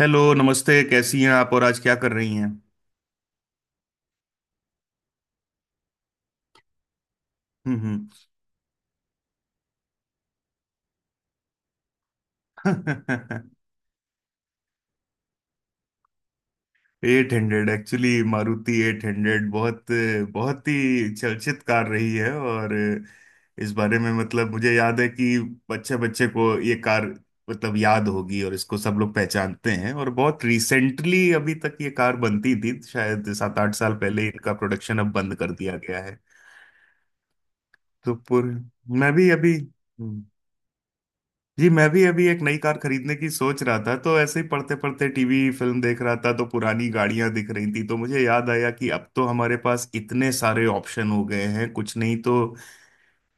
Hello, नमस्ते। कैसी हैं आप और आज क्या कर रही हैं? हम्म। Eight hundred, actually Maruti eight hundred बहुत बहुत ही चर्चित कार रही है। और इस बारे में, मतलब, मुझे याद है कि बच्चे बच्चे को ये कार, मतलब, याद होगी, और इसको सब लोग पहचानते हैं। और बहुत रिसेंटली अभी तक ये कार बनती थी, शायद 7 8 साल पहले इनका प्रोडक्शन अब बंद कर दिया गया है। तो पूरे मैं भी अभी हम्म, जी, मैं भी अभी एक नई कार खरीदने की सोच रहा था, तो ऐसे ही पढ़ते पढ़ते टीवी फिल्म देख रहा था, तो पुरानी गाड़ियां दिख रही थी, तो मुझे याद आया कि अब तो हमारे पास इतने सारे ऑप्शन हो गए हैं, कुछ नहीं तो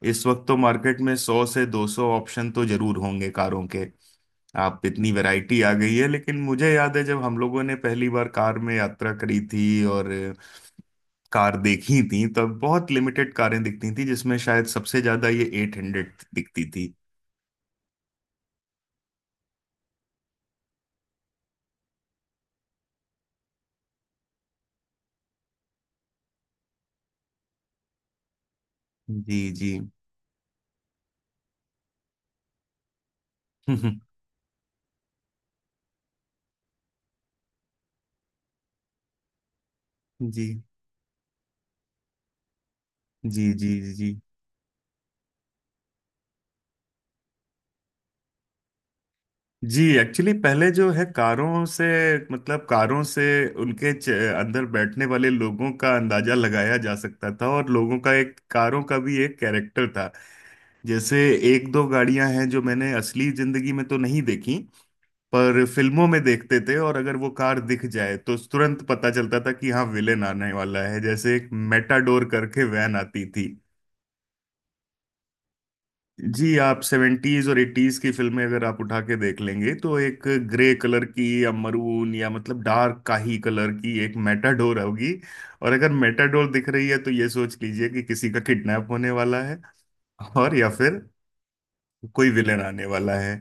इस वक्त तो मार्केट में 100 से 200 ऑप्शन तो जरूर होंगे कारों के। आप, इतनी वैरायटी आ गई है। लेकिन मुझे याद है जब हम लोगों ने पहली बार कार में यात्रा करी थी और कार देखी थी, तब बहुत लिमिटेड कारें दिखती थी, जिसमें शायद सबसे ज्यादा ये एट हंड्रेड दिखती थी। जी जी। जी। जी जी जी जी। एक्चुअली पहले जो है कारों से, मतलब कारों से, उनके अंदर बैठने वाले लोगों का अंदाजा लगाया जा सकता था, और लोगों का, एक कारों का भी एक कैरेक्टर था। जैसे एक दो गाड़ियां हैं जो मैंने असली जिंदगी में तो नहीं देखी, पर फिल्मों में देखते थे, और अगर वो कार दिख जाए तो तुरंत पता चलता था कि हाँ विलेन आने वाला है। जैसे एक मेटाडोर करके वैन आती थी। जी, आप सेवेंटीज और एटीज की फिल्में अगर आप उठा के देख लेंगे तो एक ग्रे कलर की या मरून या, मतलब, डार्क काही कलर की एक मेटाडोर होगी। और अगर मेटाडोर दिख रही है तो ये सोच लीजिए कि किसी का किडनैप होने वाला है, और या फिर कोई विलेन आने वाला है।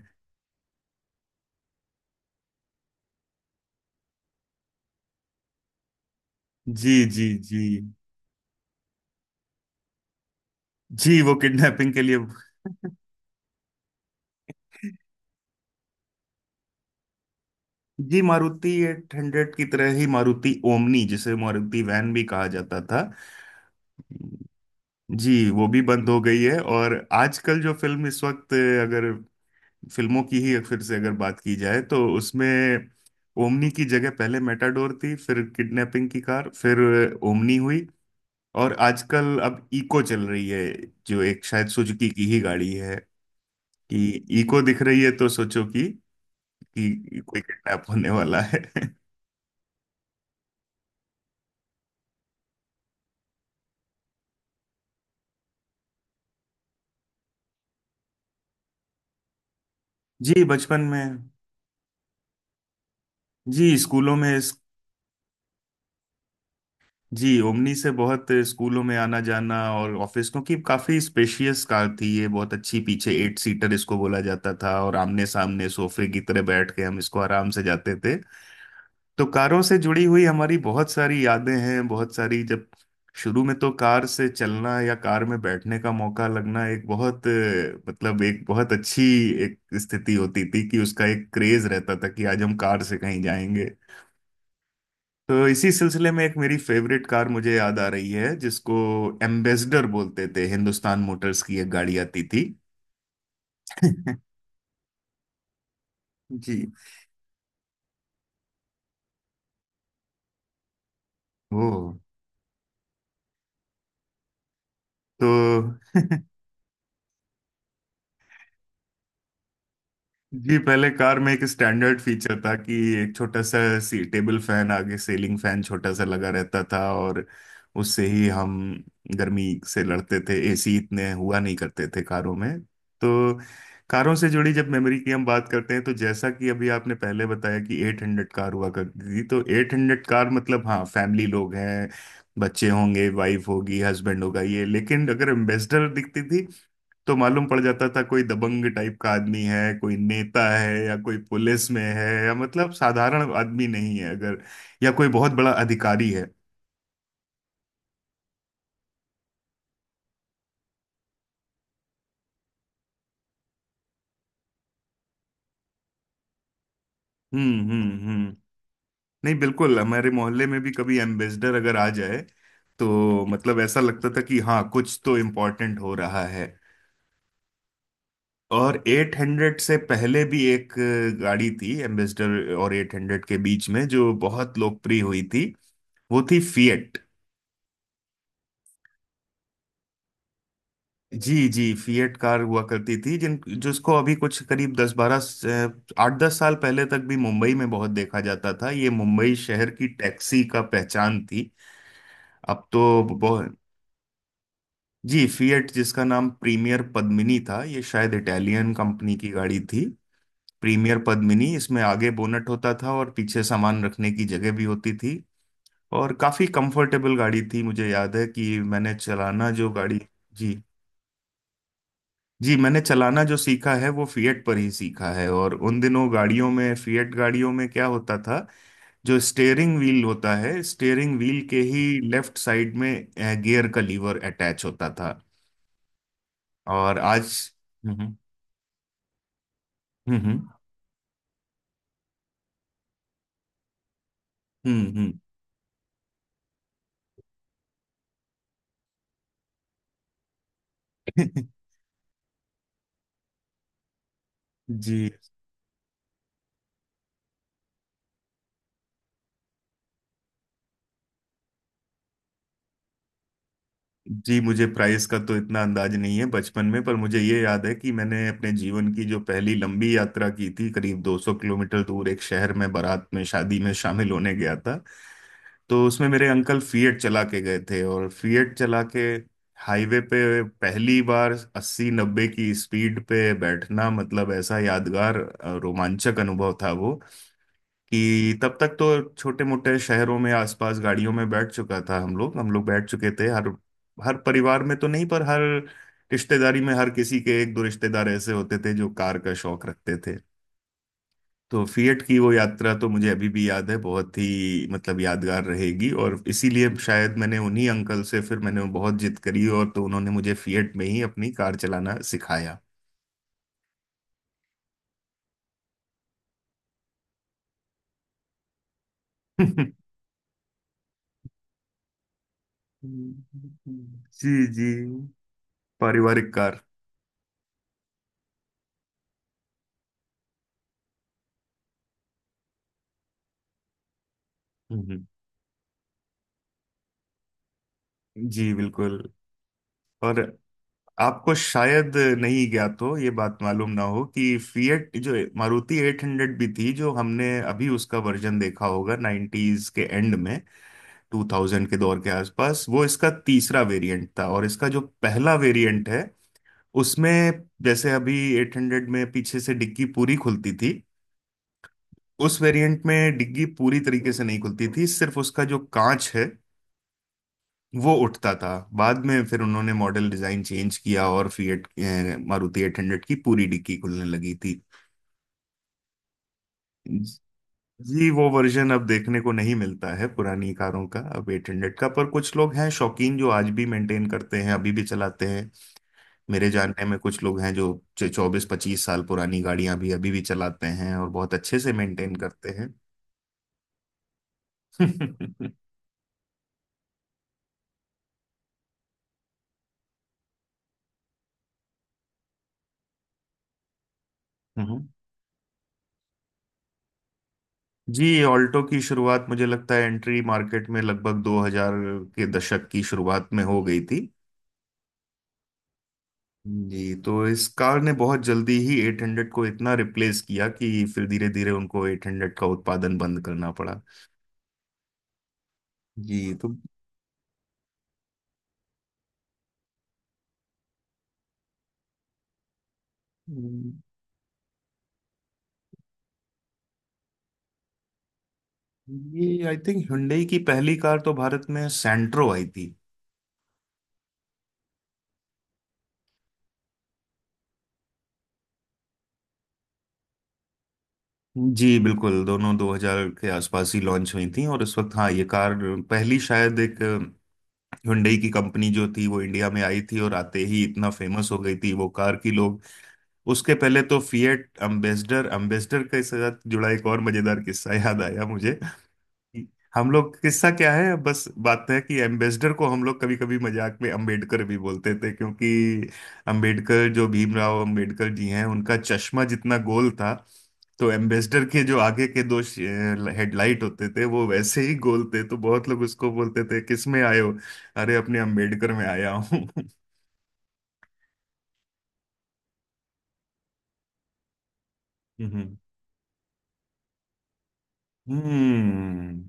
जी जी जी। जी, वो किडनैपिंग के लिए। जी, मारुति एट हंड्रेड की तरह ही मारुति ओमनी, जिसे मारुति वैन भी कहा जाता था। जी, वो भी बंद हो गई है। और आजकल जो फिल्म, इस वक्त, अगर फिल्मों की ही फिर से अगर बात की जाए, तो उसमें ओमनी की जगह पहले मेटाडोर थी, फिर किडनैपिंग की कार, फिर ओमनी हुई, और आजकल अब इको चल रही है, जो एक शायद सुजुकी की ही गाड़ी है। कि इको दिख रही है तो सोचो कि कोई किडनैप होने वाला है। जी, बचपन में। जी, स्कूलों में इस, जी, ओमनी से बहुत स्कूलों में आना जाना और ऑफिस, क्योंकि काफी स्पेशियस कार थी ये, बहुत अच्छी, पीछे एट सीटर इसको बोला जाता था, और आमने सामने सोफे की तरह बैठ के हम इसको आराम से जाते थे। तो कारों से जुड़ी हुई हमारी बहुत सारी यादें हैं, बहुत सारी। जब शुरू में तो कार से चलना या कार में बैठने का मौका लगना एक बहुत मतलब एक बहुत अच्छी एक स्थिति होती थी कि उसका एक क्रेज रहता था कि आज हम कार से कहीं जाएंगे। तो इसी सिलसिले में एक मेरी फेवरेट कार मुझे याद आ रही है, जिसको एम्बेसडर बोलते थे। हिंदुस्तान मोटर्स की एक गाड़ी आती थी। जी। ओ, तो जी, पहले कार में एक स्टैंडर्ड फीचर था कि एक छोटा सा सी, टेबल फैन, आगे सीलिंग फैन छोटा सा लगा रहता था, और उससे ही हम गर्मी से लड़ते थे। एसी इतने हुआ नहीं करते थे कारों में। तो कारों से जुड़ी जब मेमोरी की हम बात करते हैं, तो जैसा कि अभी आपने पहले बताया कि एट हंड्रेड कार हुआ करती थी, तो एट हंड्रेड कार मतलब हाँ फैमिली लोग हैं, बच्चे होंगे, वाइफ होगी, हस्बैंड होगा ये। लेकिन अगर एम्बेसडर दिखती थी, तो मालूम पड़ जाता था कोई दबंग टाइप का आदमी है, कोई नेता है, या कोई पुलिस में है, या, मतलब, साधारण आदमी नहीं है, अगर, या कोई बहुत बड़ा अधिकारी है। हम्म। हम्म। हम्म। नहीं, बिल्कुल, हमारे मोहल्ले में भी कभी एम्बेसडर अगर आ जाए, तो मतलब ऐसा लगता था कि हाँ कुछ तो इम्पोर्टेंट हो रहा है। और 800 से पहले भी एक गाड़ी थी एम्बेसडर, और 800 के बीच में जो बहुत लोकप्रिय हुई थी, वो थी फिएट। जी जी, फिएट कार हुआ करती थी, जिन जिसको अभी कुछ करीब 10 12, 8 10 साल पहले तक भी मुंबई में बहुत देखा जाता था। ये मुंबई शहर की टैक्सी का पहचान थी। अब तो बहुत। जी, फिएट, जिसका नाम प्रीमियर पद्मिनी था, ये शायद इटालियन कंपनी की गाड़ी थी। प्रीमियर पद्मिनी, इसमें आगे बोनट होता था और पीछे सामान रखने की जगह भी होती थी, और काफी कंफर्टेबल गाड़ी थी। मुझे याद है कि मैंने चलाना जो गाड़ी, जी जी, मैंने चलाना जो सीखा है वो फिएट पर ही सीखा है। और उन दिनों गाड़ियों में, फिएट गाड़ियों में, क्या होता था, जो स्टेयरिंग व्हील होता है, स्टेयरिंग व्हील के ही लेफ्ट साइड में गियर का लीवर अटैच होता था। और आज, हम्म। हम्म। हम्म। हम्म। जी जी, मुझे प्राइस का तो इतना अंदाज नहीं है बचपन में, पर मुझे ये याद है कि मैंने अपने जीवन की जो पहली लंबी यात्रा की थी, करीब 200 किलोमीटर दूर एक शहर में बारात में, शादी में शामिल होने गया था। तो उसमें मेरे अंकल फिएट चला के गए थे, और फिएट चला के हाईवे पे पहली बार 80 90 की स्पीड पे बैठना, मतलब ऐसा यादगार रोमांचक अनुभव था वो। कि तब तक तो छोटे मोटे शहरों में आसपास गाड़ियों में बैठ चुका था, हम लोग बैठ चुके थे। हर हर परिवार में तो नहीं, पर हर रिश्तेदारी में हर किसी के एक दो रिश्तेदार ऐसे होते थे जो कार का शौक रखते थे। तो फिएट की वो यात्रा तो मुझे अभी भी याद है, बहुत ही, मतलब, यादगार रहेगी। और इसीलिए शायद मैंने उन्हीं अंकल से, फिर मैंने बहुत जिद करी, और तो उन्होंने मुझे फिएट में ही अपनी कार चलाना सिखाया। हम्म। जी जी, पारिवारिक कार। हम्म। जी, बिल्कुल। और आपको शायद नहीं ज्ञात हो, ये बात मालूम ना हो, कि फिएट जो मारुति एट हंड्रेड भी थी, जो हमने अभी उसका वर्जन देखा होगा नाइन्टीज के एंड में, टू थाउजेंड के दौर के आसपास, वो इसका तीसरा वेरिएंट था। और इसका जो पहला वेरिएंट है, उसमें, जैसे अभी एट हंड्रेड में पीछे से डिग्गी पूरी खुलती थी, उस वेरिएंट में डिग्गी पूरी तरीके से नहीं खुलती थी, सिर्फ उसका जो कांच है वो उठता था। बाद में फिर उन्होंने मॉडल डिजाइन चेंज किया और फिएट, मारुति एट हंड्रेड की पूरी डिग्गी खुलने लगी थी। जी, वो वर्जन अब देखने को नहीं मिलता है, पुरानी कारों का, अब एट हंड्रेड का, पर कुछ लोग हैं शौकीन जो आज भी मेंटेन करते हैं, अभी भी चलाते हैं। मेरे जानने में कुछ लोग हैं जो 24 25 साल पुरानी गाड़ियां भी अभी भी चलाते हैं और बहुत अच्छे से मेंटेन करते हैं। हम्म। जी, ऑल्टो की शुरुआत, मुझे लगता है एंट्री मार्केट में, लगभग 2000 के दशक की शुरुआत में हो गई थी। जी, तो इस कार ने बहुत जल्दी ही 800 को इतना रिप्लेस किया, कि फिर धीरे धीरे उनको 800 का उत्पादन बंद करना पड़ा। जी, तो हम्म, ये, आई थिंक, Hyundai की पहली कार तो भारत में सेंट्रो आई थी। जी, बिल्कुल, दोनों 2000 के आसपास ही लॉन्च हुई थी। और उस वक्त, हाँ ये कार पहली, शायद एक हुंडई की कंपनी जो थी वो इंडिया में आई थी, और आते ही इतना फेमस हो गई थी वो कार की लोग, उसके पहले तो फिएट, अम्बेसडर। अम्बेसडर के साथ जुड़ा एक और मजेदार किस्सा याद आया मुझे। हम लोग, किस्सा क्या है, बस बात है कि एम्बेसडर को हम लोग कभी कभी मजाक में अम्बेडकर भी बोलते थे, क्योंकि अम्बेडकर, जो भीमराव अम्बेडकर जी हैं, उनका चश्मा जितना गोल था, तो एम्बेसडर के जो आगे के दो हेडलाइट होते थे वो वैसे ही गोल थे। तो बहुत लोग उसको बोलते थे, किस में आए हो? अरे, अपने अम्बेडकर में आया हूँ। हम्म। हम्म।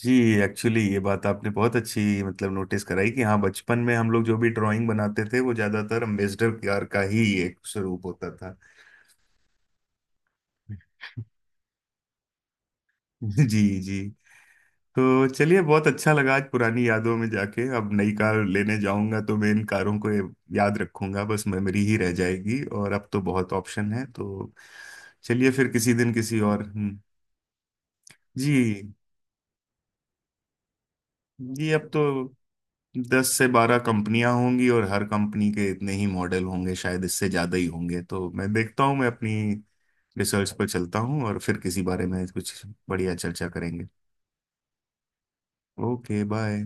जी, एक्चुअली ये बात आपने बहुत अच्छी, मतलब, नोटिस कराई कि हाँ, बचपन में हम लोग जो भी ड्राइंग बनाते थे वो ज्यादातर अम्बेसडर कार का ही एक स्वरूप होता था। जी। जी, तो चलिए, बहुत अच्छा लगा आज पुरानी यादों में जाके। अब नई कार लेने जाऊंगा तो मैं इन कारों को याद रखूंगा, बस मेमोरी ही रह जाएगी। और अब तो बहुत ऑप्शन है, तो चलिए फिर किसी दिन किसी और, जी जी, अब तो 10 से 12 कंपनियां होंगी और हर कंपनी के इतने ही मॉडल होंगे, शायद इससे ज्यादा ही होंगे। तो मैं देखता हूँ, मैं अपनी रिसर्च पर चलता हूँ, और फिर किसी बारे में कुछ बढ़िया चर्चा करेंगे। Okay, bye.